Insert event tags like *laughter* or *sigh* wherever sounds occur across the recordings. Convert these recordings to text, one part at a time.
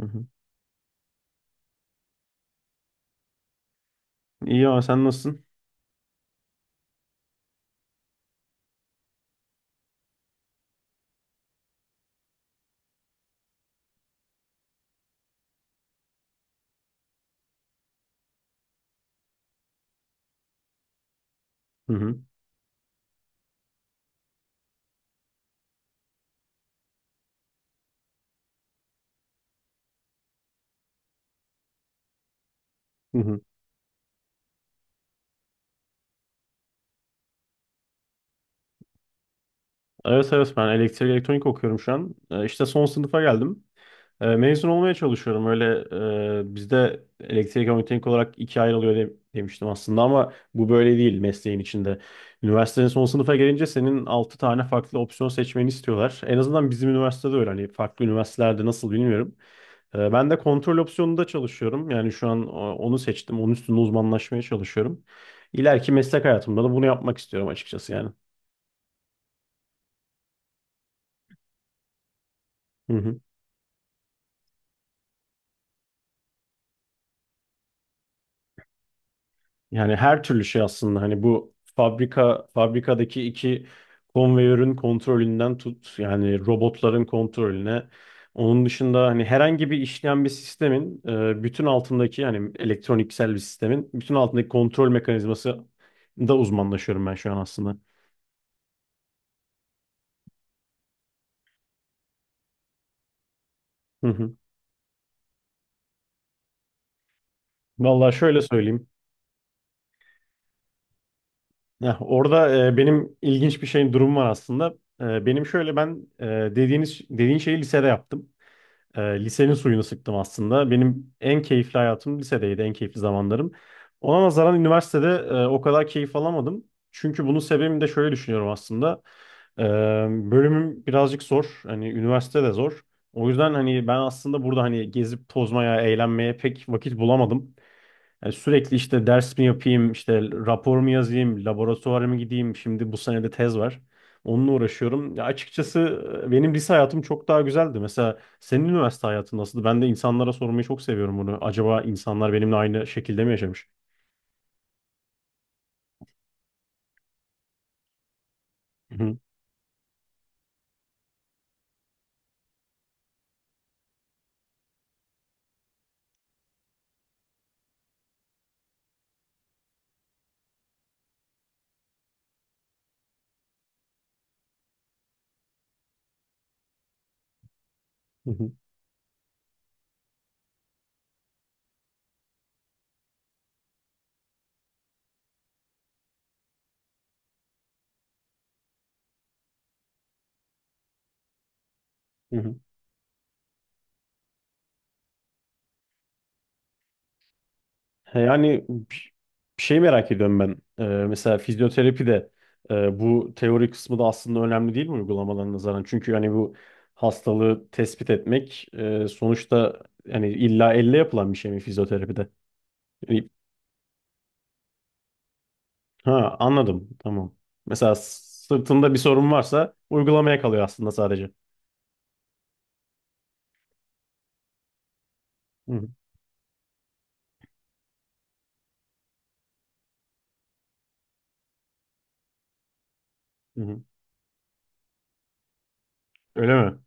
Hı hı. İyi abi sen nasılsın? Hı hı. Hı hı. Evet evet ben elektrik elektronik okuyorum şu an. İşte son sınıfa geldim. Mezun olmaya çalışıyorum. Öyle, bizde elektrik elektronik olarak ikiye ayrılıyor demiştim aslında ama bu böyle değil mesleğin içinde. Üniversitenin son sınıfa gelince senin 6 tane farklı opsiyon seçmeni istiyorlar. En azından bizim üniversitede öyle. Hani farklı üniversitelerde nasıl bilmiyorum. Ben de kontrol opsiyonunda çalışıyorum. Yani şu an onu seçtim. Onun üstünde uzmanlaşmaya çalışıyorum. İleriki meslek hayatımda da bunu yapmak istiyorum açıkçası yani. Hı hı. Yani her türlü şey aslında hani bu fabrikadaki iki konveyörün kontrolünden tut, yani robotların kontrolüne, onun dışında hani herhangi bir işleyen bir sistemin, bütün altındaki, yani elektroniksel bir sistemin bütün altındaki kontrol mekanizması da uzmanlaşıyorum ben şu an aslında. Hı hı. Vallahi şöyle söyleyeyim. Heh, orada benim ilginç bir şeyin durum var aslında. Benim şöyle ben dediğin şeyi lisede yaptım. Lisenin suyunu sıktım aslında. Benim en keyifli hayatım lisedeydi, en keyifli zamanlarım. Ona nazaran üniversitede o kadar keyif alamadım. Çünkü bunun sebebini de şöyle düşünüyorum aslında. E, bölümüm birazcık zor. Hani üniversite de zor. O yüzden hani ben aslında burada hani gezip tozmaya, eğlenmeye pek vakit bulamadım. Yani sürekli işte ders mi yapayım, işte rapor mu yazayım, laboratuvara mı gideyim, şimdi bu sene de tez var. Onunla uğraşıyorum. Ya açıkçası benim lise hayatım çok daha güzeldi. Mesela senin üniversite hayatın nasıldı? Ben de insanlara sormayı çok seviyorum bunu. Acaba insanlar benimle aynı şekilde mi yaşamış? Hı hı, hı hı, hı hı. He, yani bir şey merak ediyorum ben. Mesela fizyoterapi de bu teori kısmı da aslında önemli değil mi uygulamalarına nazaran? Çünkü hani bu hastalığı tespit etmek, sonuçta yani illa elle yapılan bir şey mi fizyoterapide? Yani- ha, anladım. Tamam. Mesela sırtında bir sorun varsa uygulamaya kalıyor aslında sadece. Hı hı. Hı hı. Öyle mi?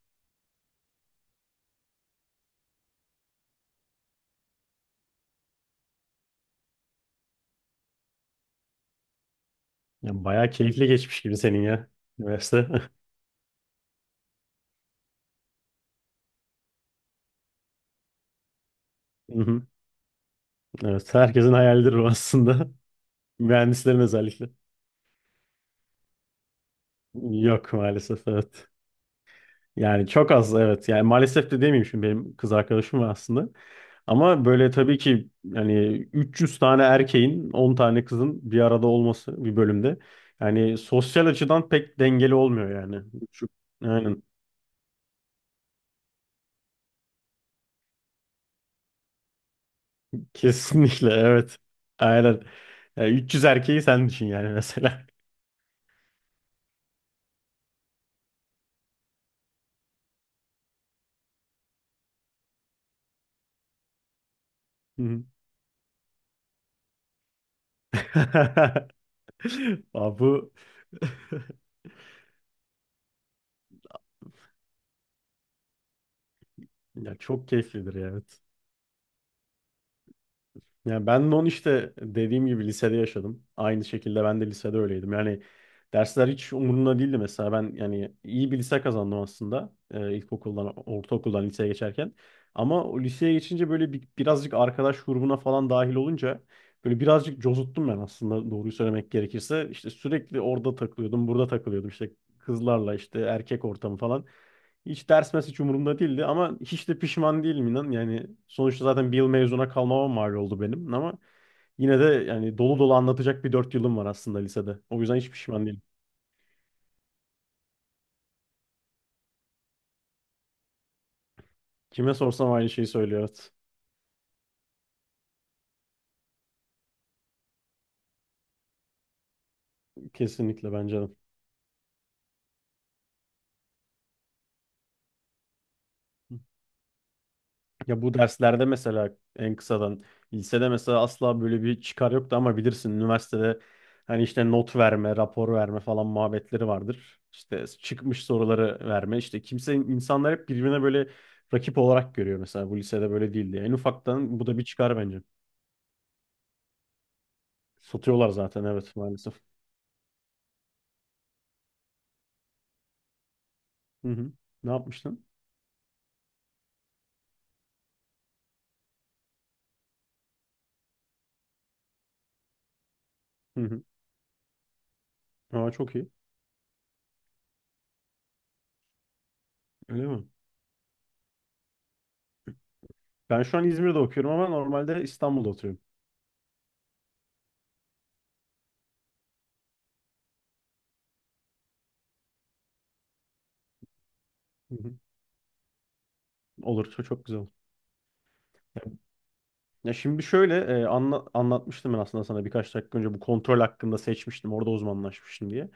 Ya bayağı keyifli geçmiş gibi senin ya üniversite. *laughs* Hı hı. Evet, herkesin hayalidir bu aslında. *laughs* Mühendislerin özellikle. Yok maalesef, evet. Yani çok az, evet. Yani maalesef de demeyeyim, şimdi benim kız arkadaşım var aslında. Ama böyle tabii ki yani 300 tane erkeğin 10 tane kızın bir arada olması bir bölümde. Yani sosyal açıdan pek dengeli olmuyor yani. Şu, aynen. Kesinlikle, evet. Aynen. Yani 300 erkeği sen düşün yani mesela. *laughs* Hı. *laughs* Aa, bu *laughs* ya çok keyiflidir ya. Evet. Ya ben de onu işte dediğim gibi lisede yaşadım. Aynı şekilde ben de lisede öyleydim. Yani dersler hiç umurumda değildi mesela. Ben yani iyi bir lise kazandım aslında. İlkokuldan, ortaokuldan liseye geçerken. Ama o liseye geçince böyle birazcık arkadaş grubuna falan dahil olunca böyle birazcık cozuttum ben aslında, doğruyu söylemek gerekirse. İşte sürekli orada takılıyordum, burada takılıyordum. İşte kızlarla işte erkek ortamı falan. Hiç ders hiç umurumda değildi ama hiç de pişman değilim, inan. Yani sonuçta zaten bir yıl mezuna kalmama mal oldu benim ama yine de yani dolu dolu anlatacak bir 4 yılım var aslında lisede. O yüzden hiç pişman değilim. Kime sorsam aynı şeyi söylüyor. Evet. Kesinlikle, bence de. Ya bu derslerde mesela, en kısadan, lisede mesela asla böyle bir çıkar yoktu ama bilirsin üniversitede hani işte not verme, rapor verme falan muhabbetleri vardır. İşte çıkmış soruları verme. İşte insanlar hep birbirine böyle rakip olarak görüyor mesela, bu lisede böyle değildi. En ufaktan bu da bir çıkar bence. Satıyorlar zaten, evet, maalesef. Hı hı. Ne yapmıştın? Hı hı. Aa, çok iyi. Öyle mi? Ben şu an İzmir'de okuyorum ama normalde İstanbul'da oturuyorum. Hı hı. Olur, çok çok güzel. Olur. Ya şimdi şöyle anlatmıştım ben aslında sana birkaç dakika önce bu kontrol hakkında seçmiştim. Orada uzmanlaşmıştım diye.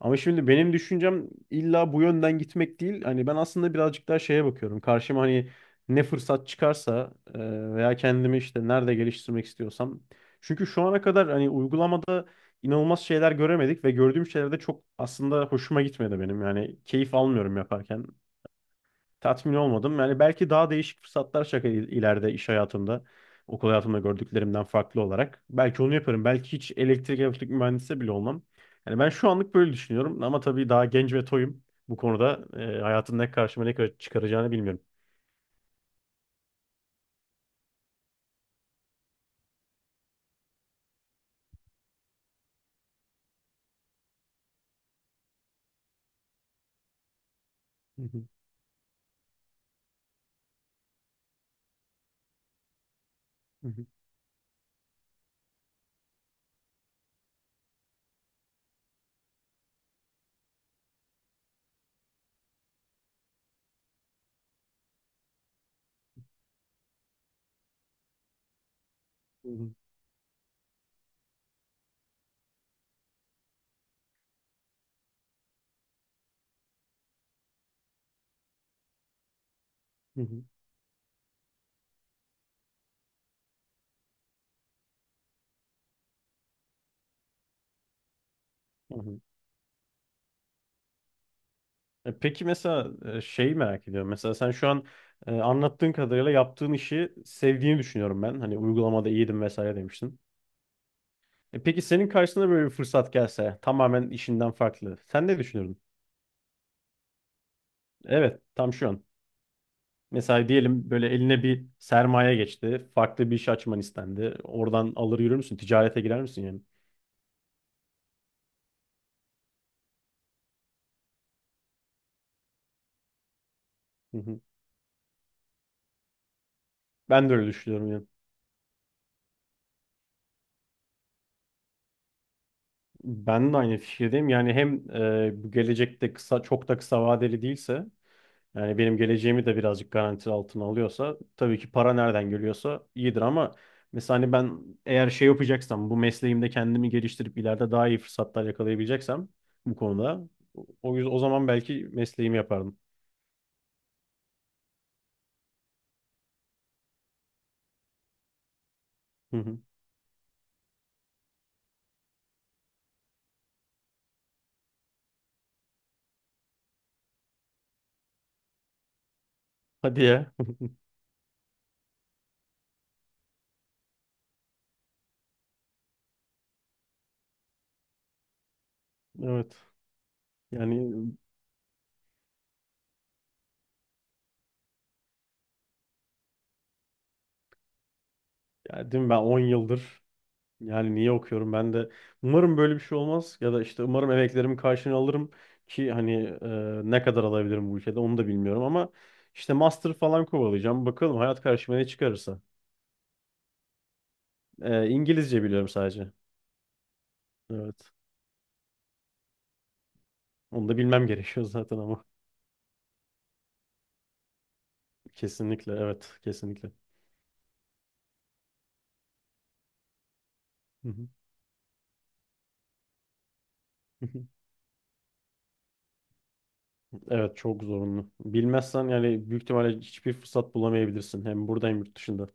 Ama şimdi benim düşüncem illa bu yönden gitmek değil. Hani ben aslında birazcık daha şeye bakıyorum. Karşıma hani ne fırsat çıkarsa, veya kendimi işte nerede geliştirmek istiyorsam. Çünkü şu ana kadar hani uygulamada inanılmaz şeyler göremedik ve gördüğüm şeyler de çok aslında hoşuma gitmedi benim. Yani keyif almıyorum yaparken, tatmin olmadım. Yani belki daha değişik fırsatlar şaka ileride iş hayatımda, okul hayatımda gördüklerimden farklı olarak. Belki onu yaparım. Belki hiç elektrik mühendisi bile olmam. Yani ben şu anlık böyle düşünüyorum ama tabii daha genç ve toyum. Bu konuda hayatın ne karşıma ne kadar çıkaracağını bilmiyorum. Hı hı, hı hı, hı hı, hı hı, hı hı. Peki, mesela şey merak ediyorum. Mesela sen şu an anlattığın kadarıyla yaptığın işi sevdiğini düşünüyorum ben. Hani uygulamada iyiydim vesaire demiştin. Peki senin karşına böyle bir fırsat gelse tamamen işinden farklı. Sen ne düşünürdün? Evet, tam şu an. Mesela diyelim böyle eline bir sermaye geçti. Farklı bir iş açman istendi. Oradan alır yürür müsün? Ticarete girer misin yani? Hı hı. Ben de öyle düşünüyorum yani. Ben de aynı fikirdeyim. Yani hem bu gelecekte çok da kısa vadeli değilse, yani benim geleceğimi de birazcık garanti altına alıyorsa, tabii ki para nereden geliyorsa iyidir ama mesela hani ben eğer şey yapacaksam, bu mesleğimde kendimi geliştirip ileride daha iyi fırsatlar yakalayabileceksem bu konuda, o yüzden o zaman belki mesleğimi yapardım. Hı hı. Hadi ya. *laughs* Evet. Yani, ya değil mi, ben 10 yıldır. Yani niye okuyorum ben de, umarım böyle bir şey olmaz ya da işte umarım emeklerimin karşılığını alırım, ki hani ne kadar alabilirim bu ülkede onu da bilmiyorum ama işte master falan kovalayacağım, bakalım hayat karşıma ne çıkarırsa. İngilizce biliyorum sadece. Evet. Onu da bilmem *laughs* gerekiyor zaten ama, kesinlikle evet, kesinlikle. Hı hı. *laughs* Evet, çok zorunlu. Bilmezsen yani büyük ihtimalle hiçbir fırsat bulamayabilirsin, hem burada hem yurt dışında.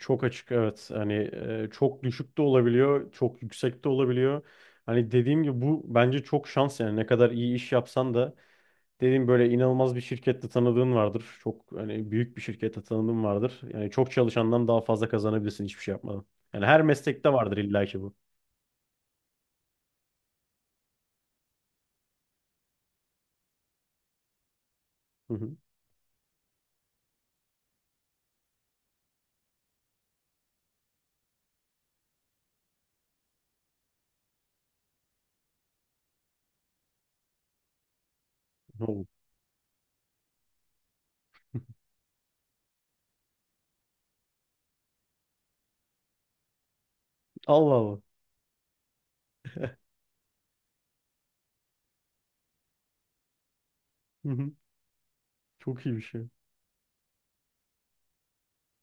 Çok açık, evet. Hani çok düşük de olabiliyor, çok yüksek de olabiliyor. Hani dediğim gibi bu bence çok şans, yani ne kadar iyi iş yapsan da, dediğim böyle inanılmaz bir şirkette tanıdığın vardır. Çok hani büyük bir şirkette tanıdığın vardır. Yani çok çalışandan daha fazla kazanabilirsin hiçbir şey yapmadan. Yani her meslekte vardır illa ki bu. Hı hı. Oo. *laughs* Allah Allah. Hı hı. Çok iyi bir şey.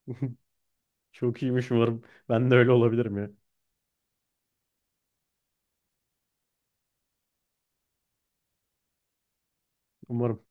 *laughs* Çok iyiymiş umarım. Ben de öyle olabilirim ya. Umarım.